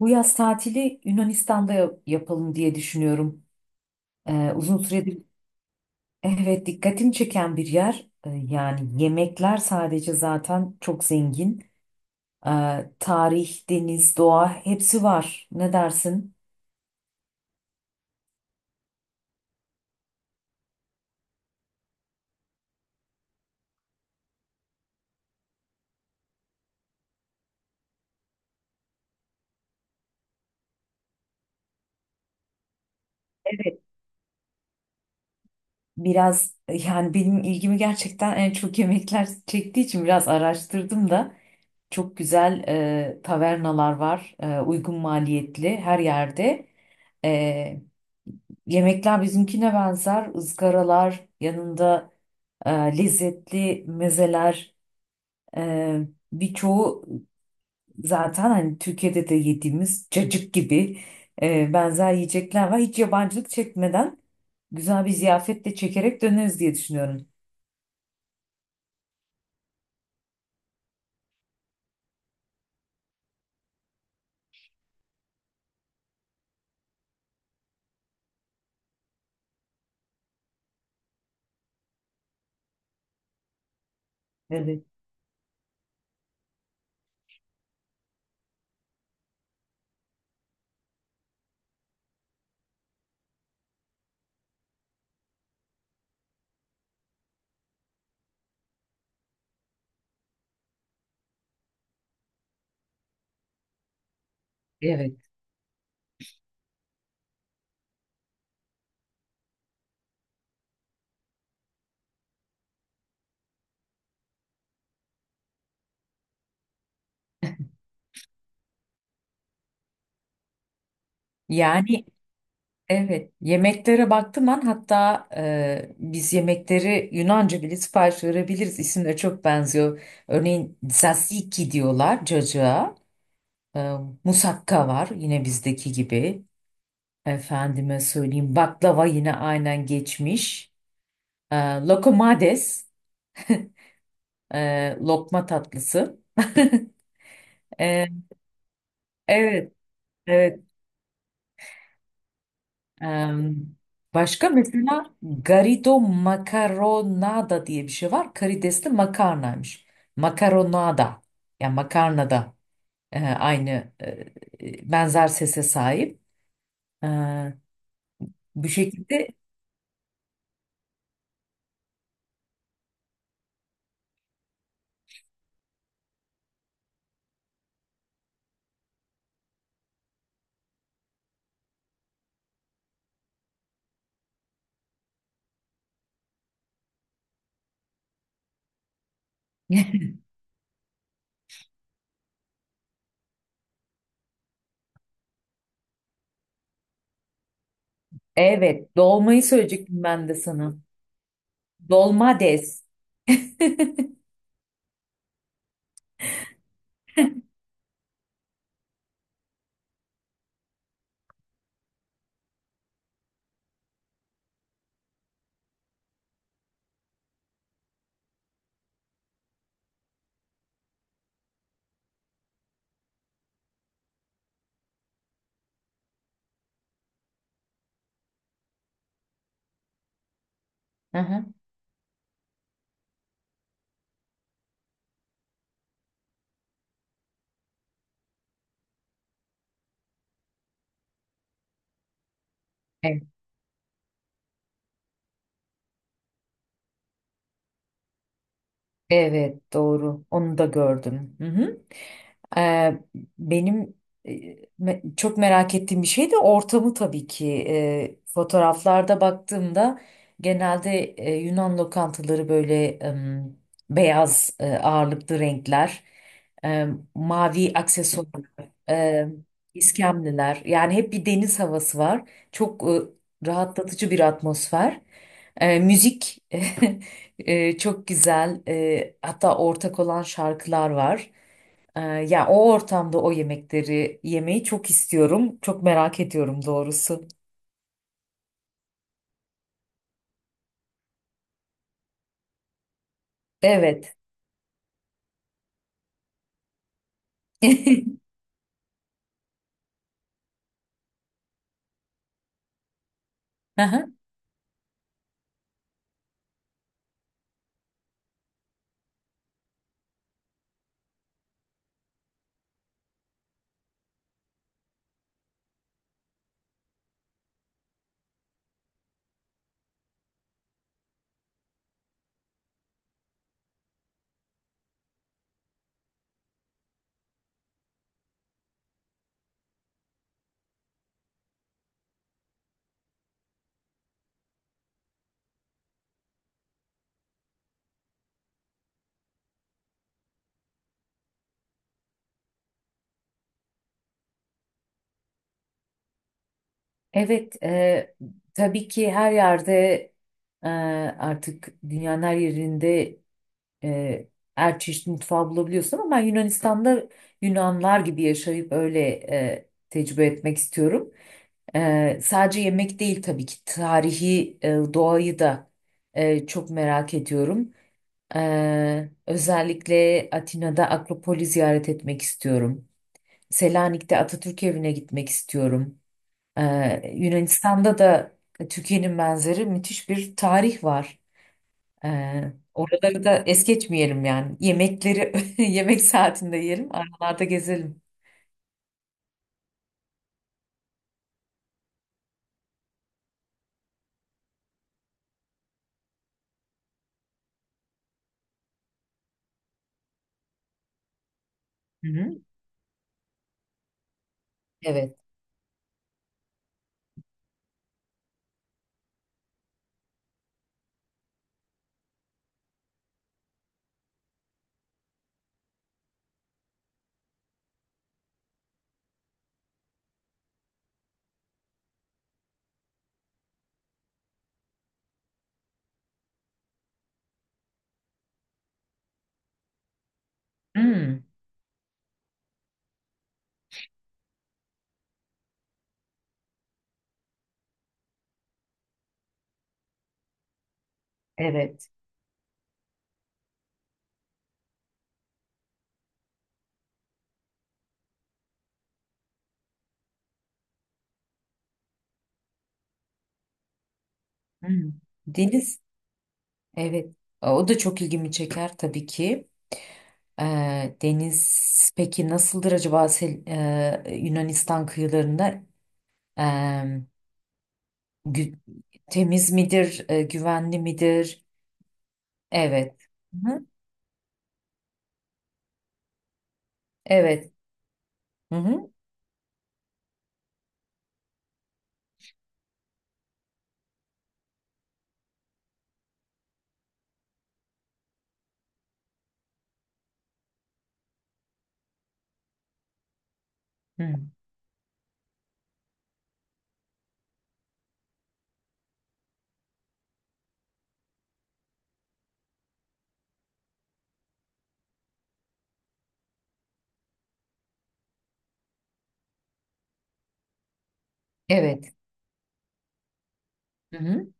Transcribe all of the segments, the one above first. Bu yaz tatili Yunanistan'da yapalım diye düşünüyorum. Uzun süredir evet dikkatimi çeken bir yer. Yani yemekler sadece zaten çok zengin. Ee, Tarih, deniz, doğa hepsi var. Ne dersin? Evet. Biraz yani benim ilgimi gerçekten en çok yemekler çektiği için biraz araştırdım da çok güzel tavernalar var. E, uygun maliyetli her yerde. Yemekler bizimkine benzer. Izgaralar, yanında e, lezzetli mezeler. e, Birçoğu zaten hani Türkiye'de de yediğimiz cacık gibi benzer yiyecekler var. Hiç yabancılık çekmeden güzel bir ziyafetle çekerek döneriz diye düşünüyorum. Evet, evet. Yani evet, yemeklere baktım ben hatta, biz yemekleri Yunanca bile sipariş verebiliriz. İsimleri çok benziyor. Örneğin tzatziki diyorlar cacığa. E, Musakka var yine bizdeki gibi. Efendime söyleyeyim baklava yine aynen geçmiş. E, Lokomades, lokma tatlısı. E, evet, evet. E, Başka mesela garido macaronada diye bir şey var. Karidesli makarnaymış. Makaronada, yani makarnada, aynı, benzer sese sahip. E, Bu şekilde. Evet, dolmayı söyleyecektim ben de sana. Dolmades. Hı hı. Evet. Evet, doğru. Onu da gördüm. Hı hı. Ee, Benim, e, çok merak ettiğim bir şey de ortamı tabii ki. Fotoğraflarda baktığımda genelde Yunan lokantaları böyle beyaz ağırlıklı renkler, mavi aksesuarlar, iskemliler. Yani hep bir deniz havası var. Çok rahatlatıcı bir atmosfer. E, müzik. Çok güzel, hatta ortak olan şarkılar var. Ya o ortamda o yemekleri yemeyi çok istiyorum. Çok merak ediyorum doğrusu. Evet. Aha. Evet. Tabii ki her yerde, e, artık dünyanın her yerinde, e, her çeşit mutfağı bulabiliyorsun ama ben Yunanistan'da Yunanlar gibi yaşayıp öyle tecrübe etmek istiyorum. Sadece yemek değil tabii ki, tarihi, doğayı da çok merak ediyorum. Özellikle Atina'da Akropol'i ziyaret etmek istiyorum. Selanik'te Atatürk Evi'ne gitmek istiyorum. Yunanistan'da da Türkiye'nin benzeri müthiş bir tarih var. Oraları da es geçmeyelim yani. Yemekleri yemek saatinde yiyelim, aralarda gezelim. Hı hı. Evet. Hmm, evet. Hmm. Deniz. Evet, o da çok ilgimi çeker tabii ki. Deniz peki nasıldır acaba, Yunanistan kıyılarında? Ee, gü- Temiz midir, güvenli midir? Evet. Hı-hı. Evet. Hı-hı. Hı. Evet. Hı hı, evet, hı hı.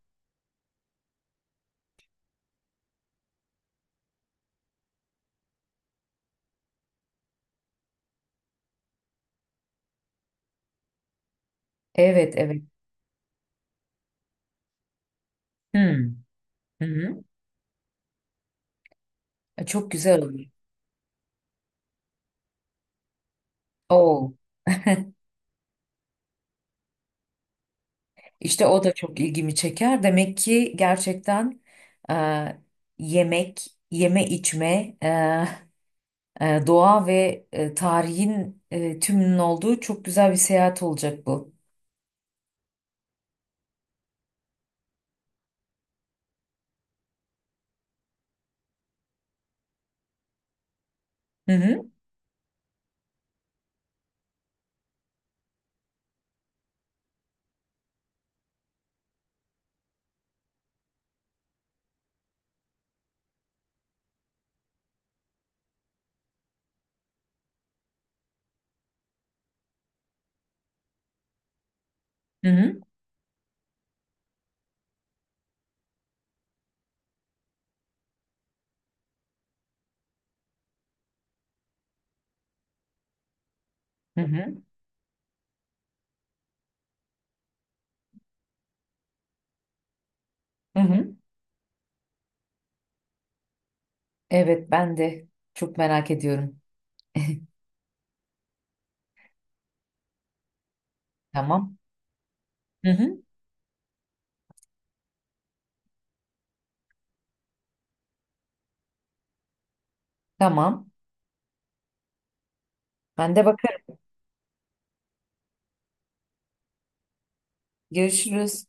Evet, evet. Hı-hı. Çok güzel olur. Oo, işte o da çok ilgimi çeker. Demek ki gerçekten, e, yemek, yeme içme. E, doğa ve tarihin, tümünün olduğu çok güzel bir seyahat olacak bu. Hı hı, hı hı, hı hı, hı hı. Evet, ben de çok merak ediyorum. Tamam. Hı hı, tamam. Ben de bakarım. Görüşürüz.